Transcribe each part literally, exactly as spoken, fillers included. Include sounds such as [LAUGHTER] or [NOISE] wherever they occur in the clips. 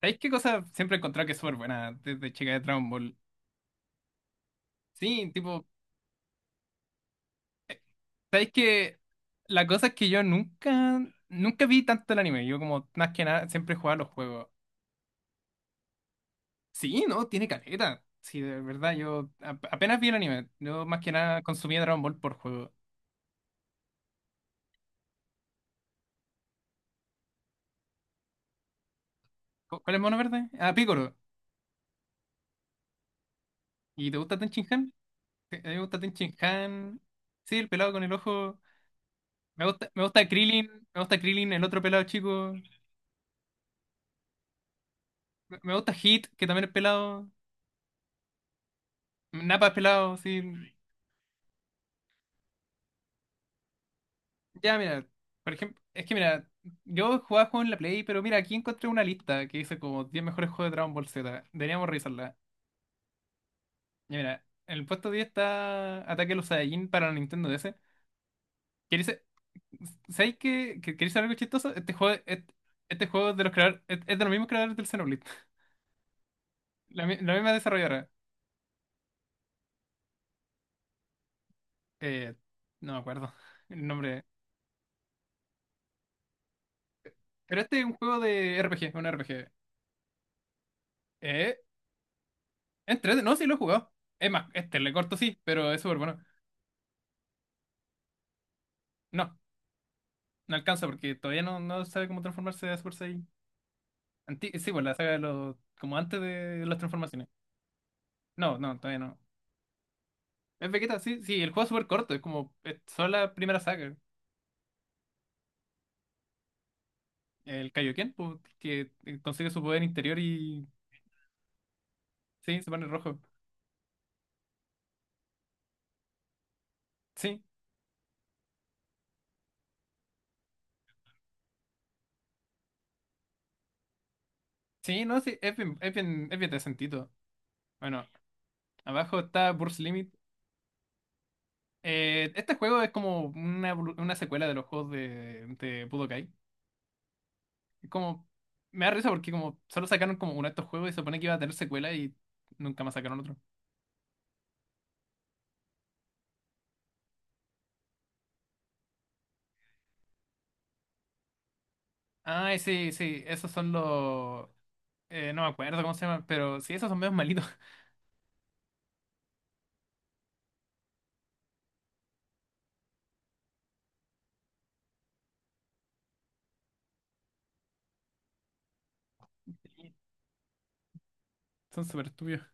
¿Sabéis qué cosa siempre he encontrado que es súper buena desde chica de Dragon Ball? Sí, tipo, ¿sabéis que la cosa es que yo nunca, nunca vi tanto el anime? Yo como más que nada siempre jugaba los juegos. Sí, no, tiene caleta. Sí, de verdad, yo ap- apenas vi el anime. Yo más que nada consumía Dragon Ball por juego. ¿Cu- ¿Cuál es el mono verde? Ah, Piccolo. ¿Y te gusta Ten Han? Sí, a mí me gusta Ten Han. Sí, el pelado con el ojo. Me gusta, me gusta Krillin. Me gusta Krillin, el otro pelado chico. Me me gusta Hit, que también es pelado. Napas pelados, sí. Ya, mira, por ejemplo, es que mira, yo jugaba juegos en la Play, pero mira, aquí encontré una lista que dice como diez mejores juegos de Dragon Ball Z. Deberíamos revisarla. Ya, mira, en el puesto diez está Ataque a los Saiyajin para la Nintendo D S. Que dice, ¿sabéis que, que queréis saber algo chistoso? Este juego, es- este, juego es de los creadores, es, es de los mismos creadores del Xenoblade. [LAUGHS] La, mi- la misma desarrolladora. Eh, no me acuerdo el nombre. Pero este es un juego de R P G, un R P G. Eh, Entrete, no, sí lo he jugado. Es más, este le corto sí, pero es súper bueno. No, no alcanza porque todavía no, no sabe cómo transformarse a Super Saiyan. Anti- sí, pues la saga de los, como antes de las transformaciones. No, no, todavía no. Es Vegeta, sí, sí, el juego es súper corto, es como, es solo la primera saga. El Kaioken, pues, que eh, consigue su poder interior y, sí, se pone rojo. Sí, sí, no, sí, es bien, es bien, es bien decentito. Bueno, abajo está Burst Limit. Eh, este juego es como una, evolu- una secuela de los juegos de, de Budokai. Como, me da risa porque como solo sacaron como uno de estos juegos y se supone que iba a tener secuela y nunca más sacaron otro. Ah, sí, sí, esos son los... eh, no me acuerdo cómo se llaman, pero sí, esos son medios malitos. [LAUGHS] Son súper estúpidos.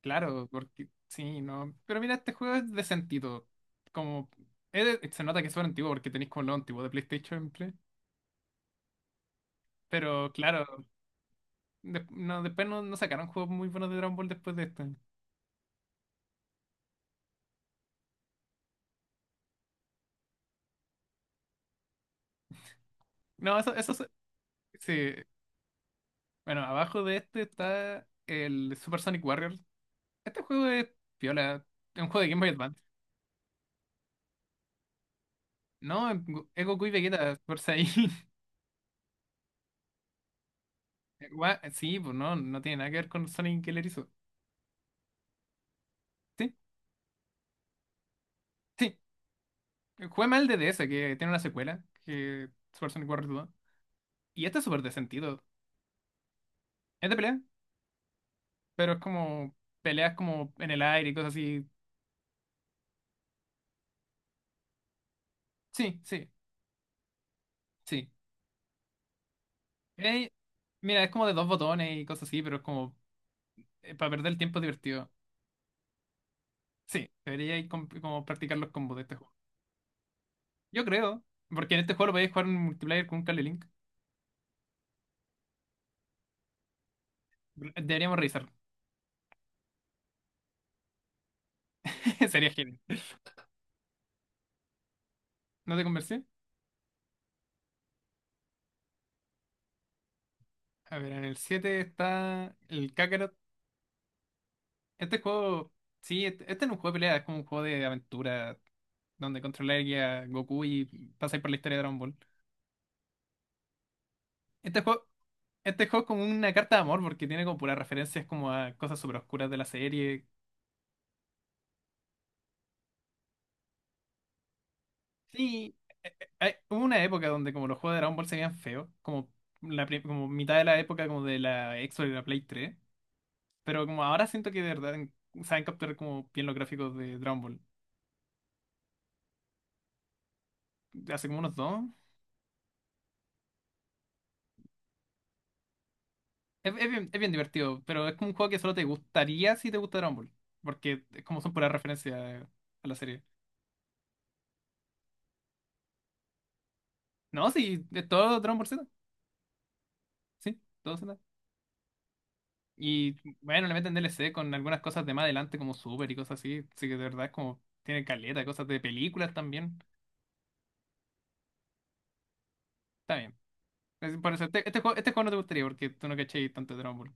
Claro, porque sí, no. Pero mira, este juego es decentito. Como, es de- se nota que es súper antiguo porque tenéis como lo antiguo de PlayStation siempre. Pero claro, de- no, después no, no sacaron juegos muy buenos de Dragon Ball después de este. No, eso, eso, se- Sí. Bueno, abajo de este está el Super Sonic Warriors. Este juego es piola. Es un juego de Game Boy Advance. No, es Goku y Vegeta, por si ahí. [LAUGHS] Gua- Sí, pues no, no tiene nada que ver con Sonic el Erizo. Sí, sí. Jugué mal de D S que tiene una secuela, que Super Sonic Warriors dos. Y este es súper de sentido. Es de pelea, pero es como peleas como en el aire y cosas así. Sí, sí, sí. Eh, Mira, es como de dos botones y cosas así, pero es como eh, para perder el tiempo es divertido. Sí, debería ir com- como practicar los combos de este juego. Yo creo, porque en este juego lo podéis jugar en multiplayer con un cable link. Deberíamos revisarlo. [LAUGHS] Sería genial. ¿No te convencí? A ver, en el siete está el Kakarot. Este juego, sí, este, este no es un juego de pelea, es como un juego de aventura donde controláis a Goku y pasáis por la historia de Dragon Ball. Este juego, este juego es como una carta de amor porque tiene como puras referencias como a cosas súper oscuras de la serie. Sí, eh, eh, hay- hubo una época donde como los juegos de Dragon Ball se veían feos, como, la, pri- como mitad de la época como de la Xbox y la Play tres. Pero como ahora siento que de verdad en- saben capturar como bien los gráficos de Dragon Ball. Hace como unos dos. Es, es bien, es bien divertido, pero es como un juego que solo te gustaría si te gusta Dragon Ball. Porque es como son puras referencias a la serie. No, sí, de todo Dragon Ball Z. Sí, todo Z. Y bueno, le meten D L C con algunas cosas de más adelante como Super y cosas así. Así que de verdad es como tiene caleta, cosas de películas también. Está bien. Es por eso, este, este juego, este juego no te gustaría porque tú no cachéis tanto de Dragon Ball.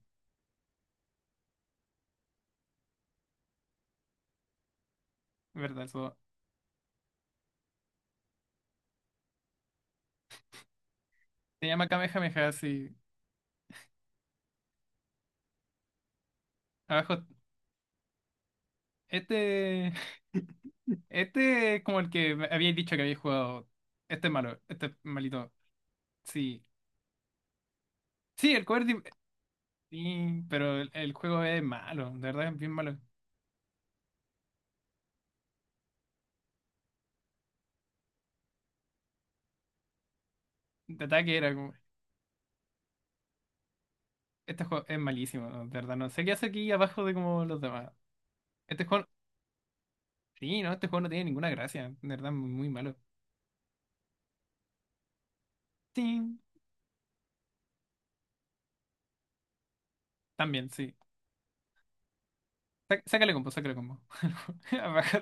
Es verdad, eso. Se llama Kamehameha, sí. Abajo este. [LAUGHS] Este es como el que me habíais dicho que habéis jugado. Este es malo, este es malito. Sí. Sí, el cover. di- Sí, pero el, el juego es malo, de verdad es bien malo. De ataque era como. Este juego es malísimo, ¿no? De verdad. No sé qué hace aquí abajo de como los demás. Este juego. Sí, no, este juego no tiene ninguna gracia. De verdad, muy malo. Sí, también, sí. Sá- Sácale combo, sácale combo. [LAUGHS] Abajo,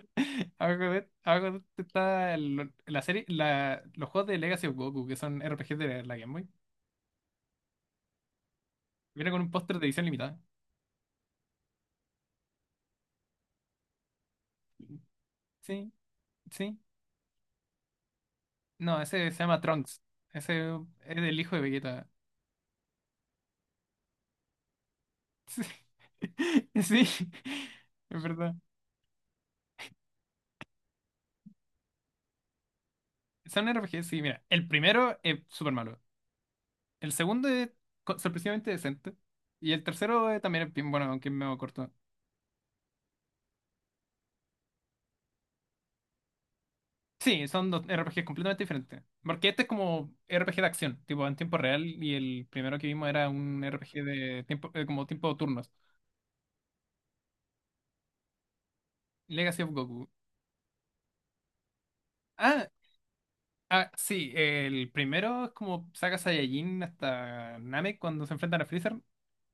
abajo de, abajo de esto está el- la serie, la, los juegos de Legacy of Goku, que son R P Gs de la Game Boy. Viene con un póster de edición limitada. Sí, sí. No, ese se llama Trunks. Ese es del hijo de Vegeta. Sí, [LAUGHS] sí, es verdad. Son R P Gs, sí, mira. El primero es súper malo. El segundo es co- sorpresivamente decente. Y el tercero eh, también es bien bueno, aunque es medio corto. Sí, son dos R P Gs completamente diferentes. Porque este es como R P G de acción, tipo en tiempo real, y el primero que vimos era un R P G de tiempo, eh, como tiempo de turnos. Legacy of Goku. Ah, ah, sí, el primero es como saga Saiyajin hasta Namek cuando se enfrentan a Freezer.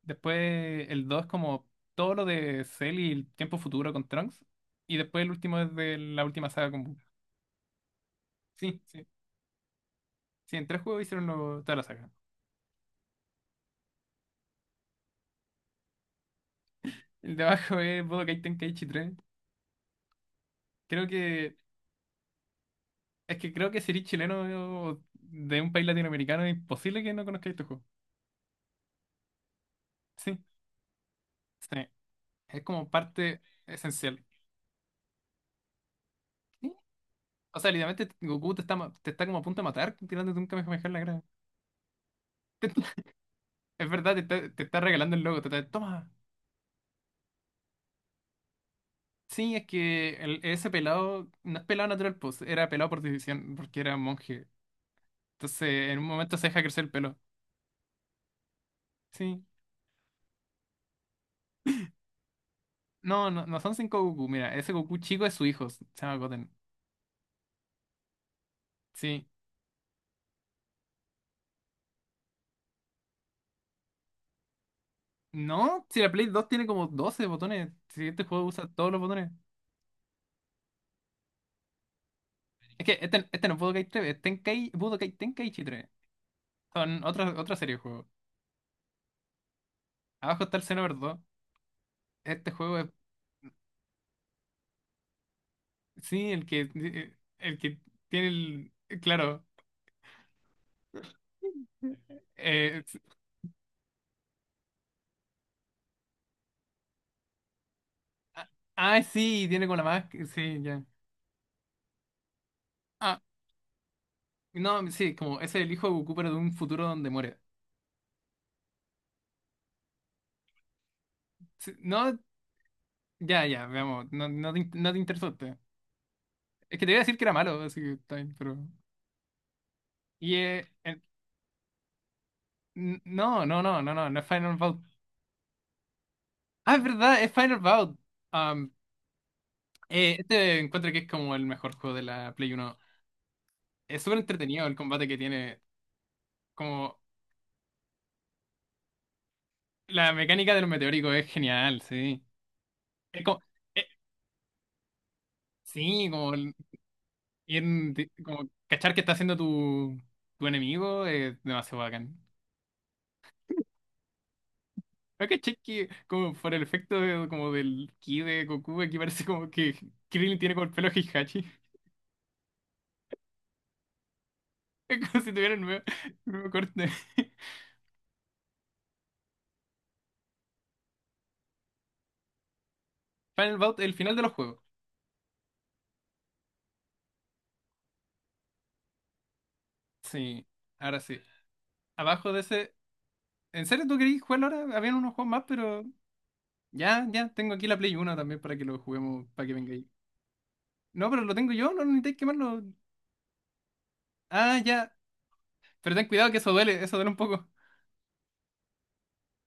Después el dos es como todo lo de Cell y el tiempo futuro con Trunks. Y después el último es de la última saga con Buu. Sí, sí. Sí, en tres juegos hicieron lo- toda la saga. El de abajo es Budokai Tenkaichi tres. Creo que es que creo que si eres chileno o de un país latinoamericano es imposible que no conozcáis este juego. Sí, sí. Es como parte esencial. Sí. O sea, literalmente Goku te está, ma- te está como a punto de matar tirándote un Kamehameha en la cara. [LAUGHS] Te es verdad, te está, te está regalando el logo. Te está, toma. Sí, es que el- ese pelado no es pelado natural, pues era pelado por decisión, porque era monje. Entonces, en un momento se deja crecer el pelo. Sí. No, no, no son cinco Goku. Mira, ese Goku chico es su hijo. Se llama Goten. Sí. No, si la Play dos tiene como doce botones. Si este juego usa todos los botones. Es que este, este no es Budokai tres, es Tenkei, Budokai Tenkaichi tres. Son otra, otra serie de juegos. Abajo está el Xenoverse dos. Este juego es, sí, el que, eh, el que tiene el, claro. eh, es- ah, ah, sí, tiene como la máscara, sí, ya. Ah, no, sí, como ese es el hijo de Goku, pero de un futuro donde muere. Sí, no, ya, ya, veamos, no, no te, in- no te interesaste. Es que te iba a decir que era malo, así que está bien, pero... Y eh, en N- No, no, no, no, no, no es Final Bout. Ah, es verdad, es Final Bout. Am, eh, este encuentro que es como el mejor juego de la Play Uno. Es súper entretenido el combate que tiene. Como la mecánica de los meteóricos es genial, sí. Es como, eh, sí, como, el- ir de- como cachar que está haciendo tu, tu enemigo es demasiado bacán. ¿No caché que como por el efecto de- como del ki de Goku, aquí parece como que Krillin tiene como el pelo de Heihachi? [LAUGHS] Es como si tuviera el nuevo, el nuevo corte. Final Bout, el final de los juegos. Sí, ahora sí. Abajo de ese. ¿En serio tú querías jugarlo ahora? Habían unos juegos más, pero. Ya, ya, tengo aquí la Play uno también para que lo juguemos, para que venga ahí. No, pero lo tengo yo, no necesitáis quemarlo. Ah, ya. Pero ten cuidado que eso duele, eso duele un poco.